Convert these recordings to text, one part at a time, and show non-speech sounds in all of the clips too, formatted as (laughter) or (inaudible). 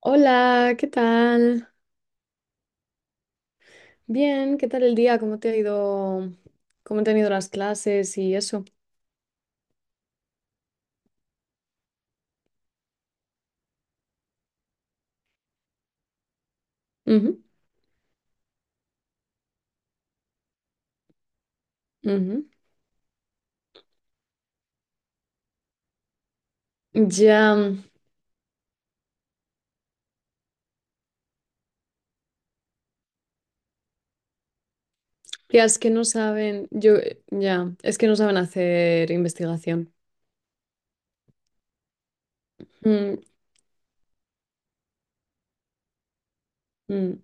Hola, ¿qué tal? Bien, ¿qué tal el día? ¿Cómo te ha ido? ¿Cómo te han ido las clases y eso? Ujú, ujú. Ya, ya es que no saben, ya, es que no saben hacer investigación. Mm, mm.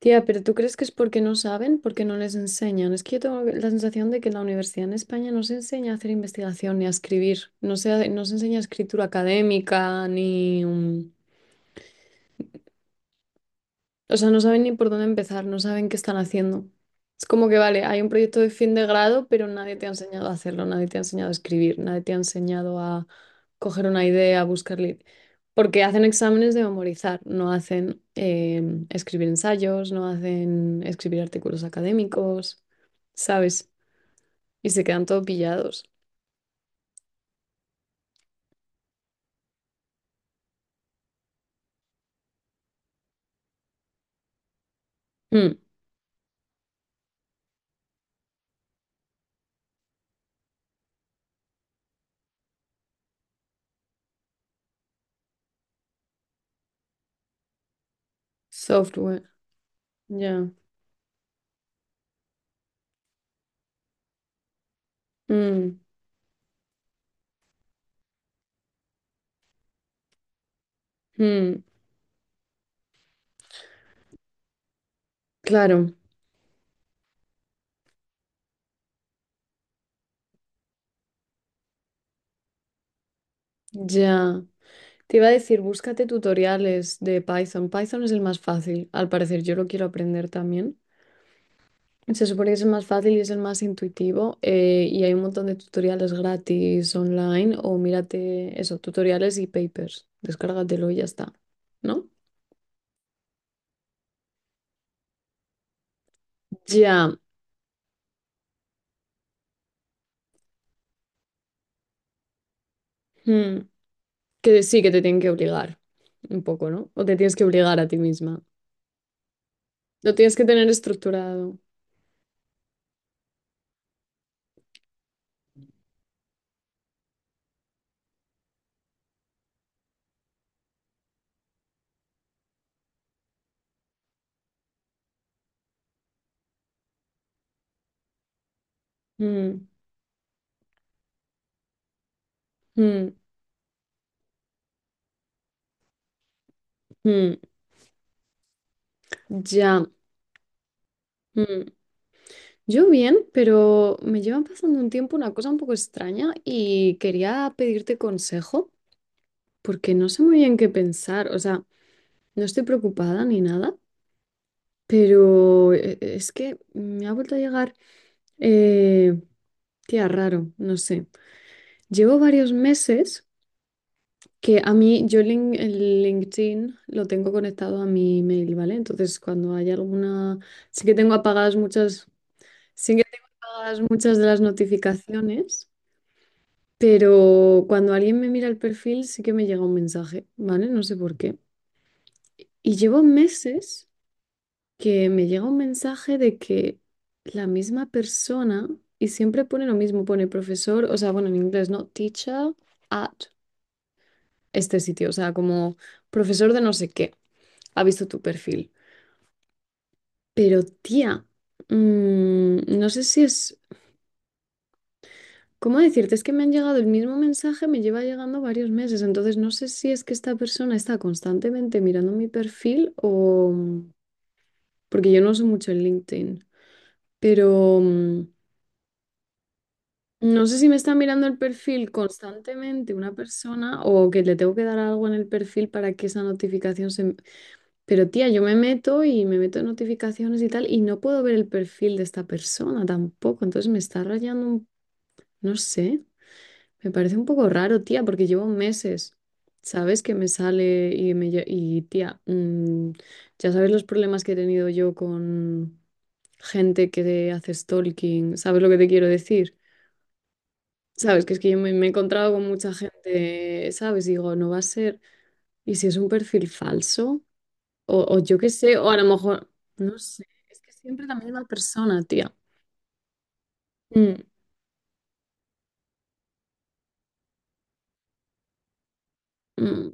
Tía, pero ¿tú crees que es porque no saben, porque no les enseñan? Es que yo tengo la sensación de que en la universidad en España no se enseña a hacer investigación ni a escribir, no se enseña escritura académica ni. O sea, no saben ni por dónde empezar, no saben qué están haciendo. Es como que, vale, hay un proyecto de fin de grado, pero nadie te ha enseñado a hacerlo, nadie te ha enseñado a escribir, nadie te ha enseñado a coger una idea, a buscar. Porque hacen exámenes de memorizar, no hacen escribir ensayos, no hacen escribir artículos académicos, ¿sabes? Y se quedan todo pillados. Mm. Software, ya. Mm, mm, claro, ya. Te iba a decir, búscate tutoriales de Python. Python es el más fácil, al parecer. Yo lo quiero aprender también. Se supone que es el más fácil y es el más intuitivo. Y hay un montón de tutoriales gratis online o mírate eso, tutoriales y papers. Descárgatelo y ya está. ¿No? Ya. mm, Que sí, que te tienen que obligar un poco, ¿no? O te tienes que obligar a ti misma. Lo tienes que tener estructurado. Mm, mm, mm. Ya. mm. Yo bien, pero me llevan pasando un tiempo una cosa un poco extraña y quería pedirte consejo porque no sé muy bien qué pensar. O sea, no estoy preocupada ni nada, pero es que me ha vuelto a llegar, eh, tía, raro, no sé. Llevo varios meses que a mí, yo lin- el LinkedIn lo tengo conectado a mi email, ¿vale? Entonces, cuando hay alguna, sí que tengo apagadas muchas, sí que tengo apagadas muchas de las notificaciones. Pero cuando alguien me mira el perfil, sí que me llega un mensaje, ¿vale? No sé por qué. Y llevo meses que me llega un mensaje de que la misma persona, y siempre pone lo mismo, pone profesor, o sea, bueno, en inglés, ¿no? Teacher at este sitio, o sea, como profesor de no sé qué, ha visto tu perfil. Pero tía, no sé si es. ¿Cómo decirte? Es que me han llegado el mismo mensaje, me lleva llegando varios meses, entonces no sé si es que esta persona está constantemente mirando mi perfil o porque yo no uso mucho el LinkedIn, pero no sé si me está mirando el perfil constantemente una persona o que le tengo que dar algo en el perfil para que esa notificación se. Pero tía, yo me meto y me meto en notificaciones y tal y no puedo ver el perfil de esta persona tampoco, entonces me está rayando un. No sé. Me parece un poco raro, tía, porque llevo meses, ¿sabes? Que me sale. Y tía, ya sabes los problemas que he tenido yo con gente que hace stalking, ¿sabes lo que te quiero decir? ¿Sabes? Que es que yo me he encontrado con mucha gente, ¿sabes? Digo, no va a ser. ¿Y si es un perfil falso? O yo qué sé, o a lo mejor. No sé, es que siempre la misma persona, tía. Mm, mm.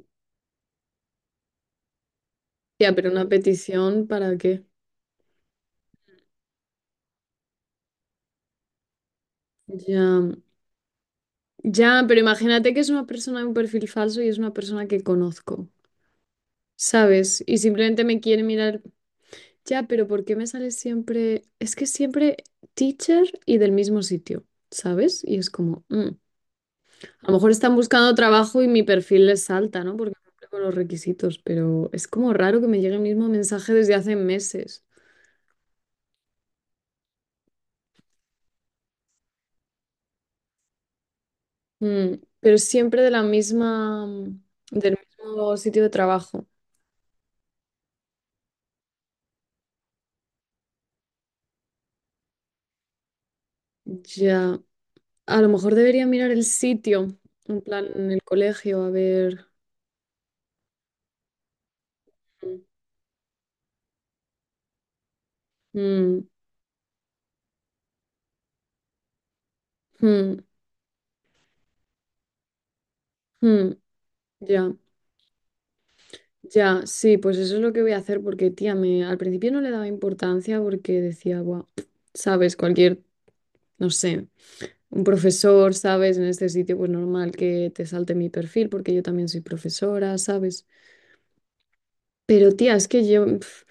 Tía, pero una petición, ¿para qué? Ya. Ya, pero imagínate que es una persona de un perfil falso y es una persona que conozco, ¿sabes? Y simplemente me quiere mirar. Ya, pero ¿por qué me sale siempre? Es que siempre teacher y del mismo sitio, ¿sabes? Y es como, mm. A lo mejor están buscando trabajo y mi perfil les salta, ¿no? Porque cumple con los requisitos, pero es como raro que me llegue el mismo mensaje desde hace meses. Mm, Pero siempre de la misma, del mismo sitio de trabajo. Ya. A lo mejor debería mirar el sitio, en plan, en el colegio, a ver. Mm, mm, mm, mm, ya, ya, sí, pues eso es lo que voy a hacer porque, tía, al principio no le daba importancia porque decía, guau, sabes, cualquier, no sé, un profesor, sabes, en este sitio, pues normal que te salte mi perfil porque yo también soy profesora, ¿sabes? Pero tía, es que yo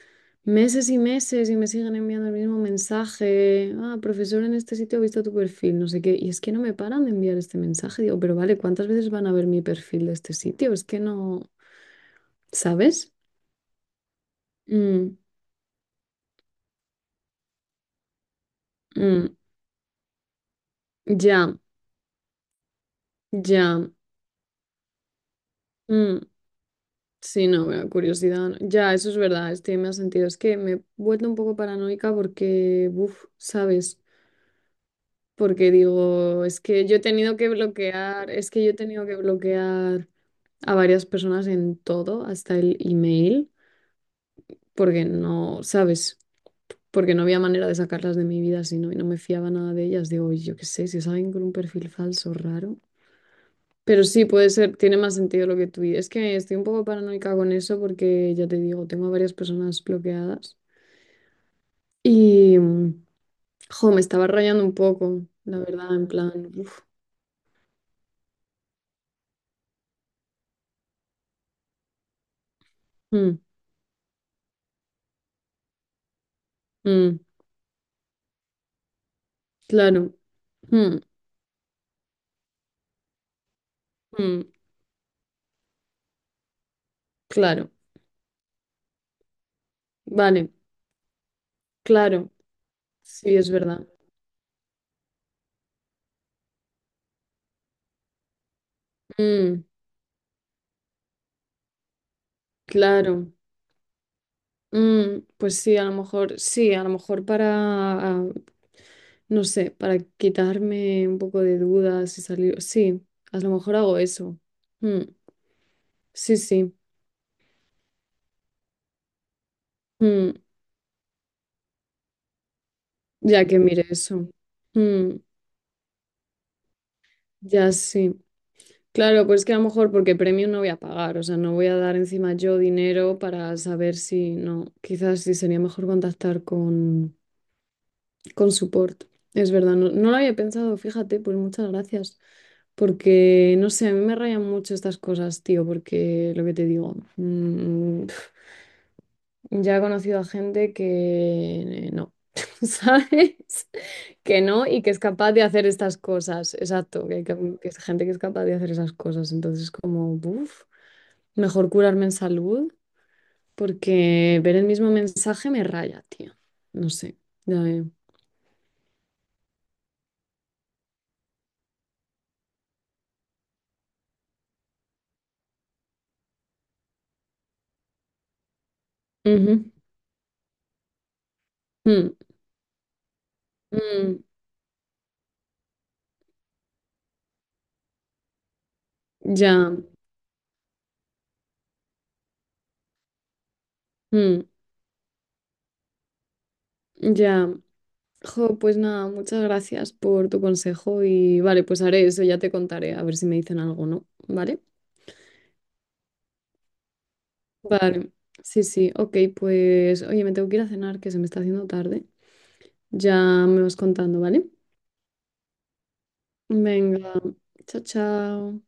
meses y meses y me siguen enviando el mismo mensaje. Ah, profesor, en este sitio he visto tu perfil, no sé qué. Y es que no me paran de enviar este mensaje. Digo, pero vale, ¿cuántas veces van a ver mi perfil de este sitio? Es que no, ¿sabes? Mm, mm, ya, ya. mm, sí, no, bueno, curiosidad. No. Ya, eso es verdad, estoy me ha sentido. Es que me he vuelto un poco paranoica porque, ¿sabes? Porque digo, es que yo he tenido que bloquear a varias personas en todo, hasta el email, porque no, ¿sabes? Porque no había manera de sacarlas de mi vida si no, y no me fiaba nada de ellas. Digo, "Oye, yo qué sé, si salen con un perfil falso, raro. Pero sí, puede ser, tiene más sentido lo que tú dices. Es que estoy un poco paranoica con eso porque ya te digo, tengo a varias personas bloqueadas y, jo, me estaba rayando un poco, la verdad, en plan, mm, mm, claro, mm, mm, claro, vale, claro, sí, es verdad. Mm. Claro, mm, pues sí, a lo mejor, sí, a lo mejor para, ah, no sé, para quitarme un poco de dudas y salir, sí, a lo mejor hago eso. Mm, sí, sí, mm, ya que mire eso. Mm, ya sí. Claro, pues que a lo mejor porque premio no voy a pagar, o sea, no voy a dar encima yo dinero para saber si no, quizás sí sería mejor contactar con support. Es verdad, no, no lo había pensado, fíjate, pues muchas gracias. Porque, no sé, a mí me rayan mucho estas cosas, tío, porque lo que te digo, ya he conocido a gente que no, (laughs) ¿sabes? Que no y que es capaz de hacer estas cosas, exacto, que es gente que es capaz de hacer esas cosas. Entonces, como, mejor curarme en salud, porque ver el mismo mensaje me raya, tío. No sé, ya veo. Ujú, mm, mm, ya, mm, ya. Jo, pues nada, muchas gracias por tu consejo y vale, pues haré eso, ya te contaré, a ver si me dicen algo, ¿no? ¿Vale? Vale, sí, sí, ok, pues oye, me tengo que ir a cenar, que se me está haciendo tarde. Ya me vas contando, ¿vale? Venga, chao, chao.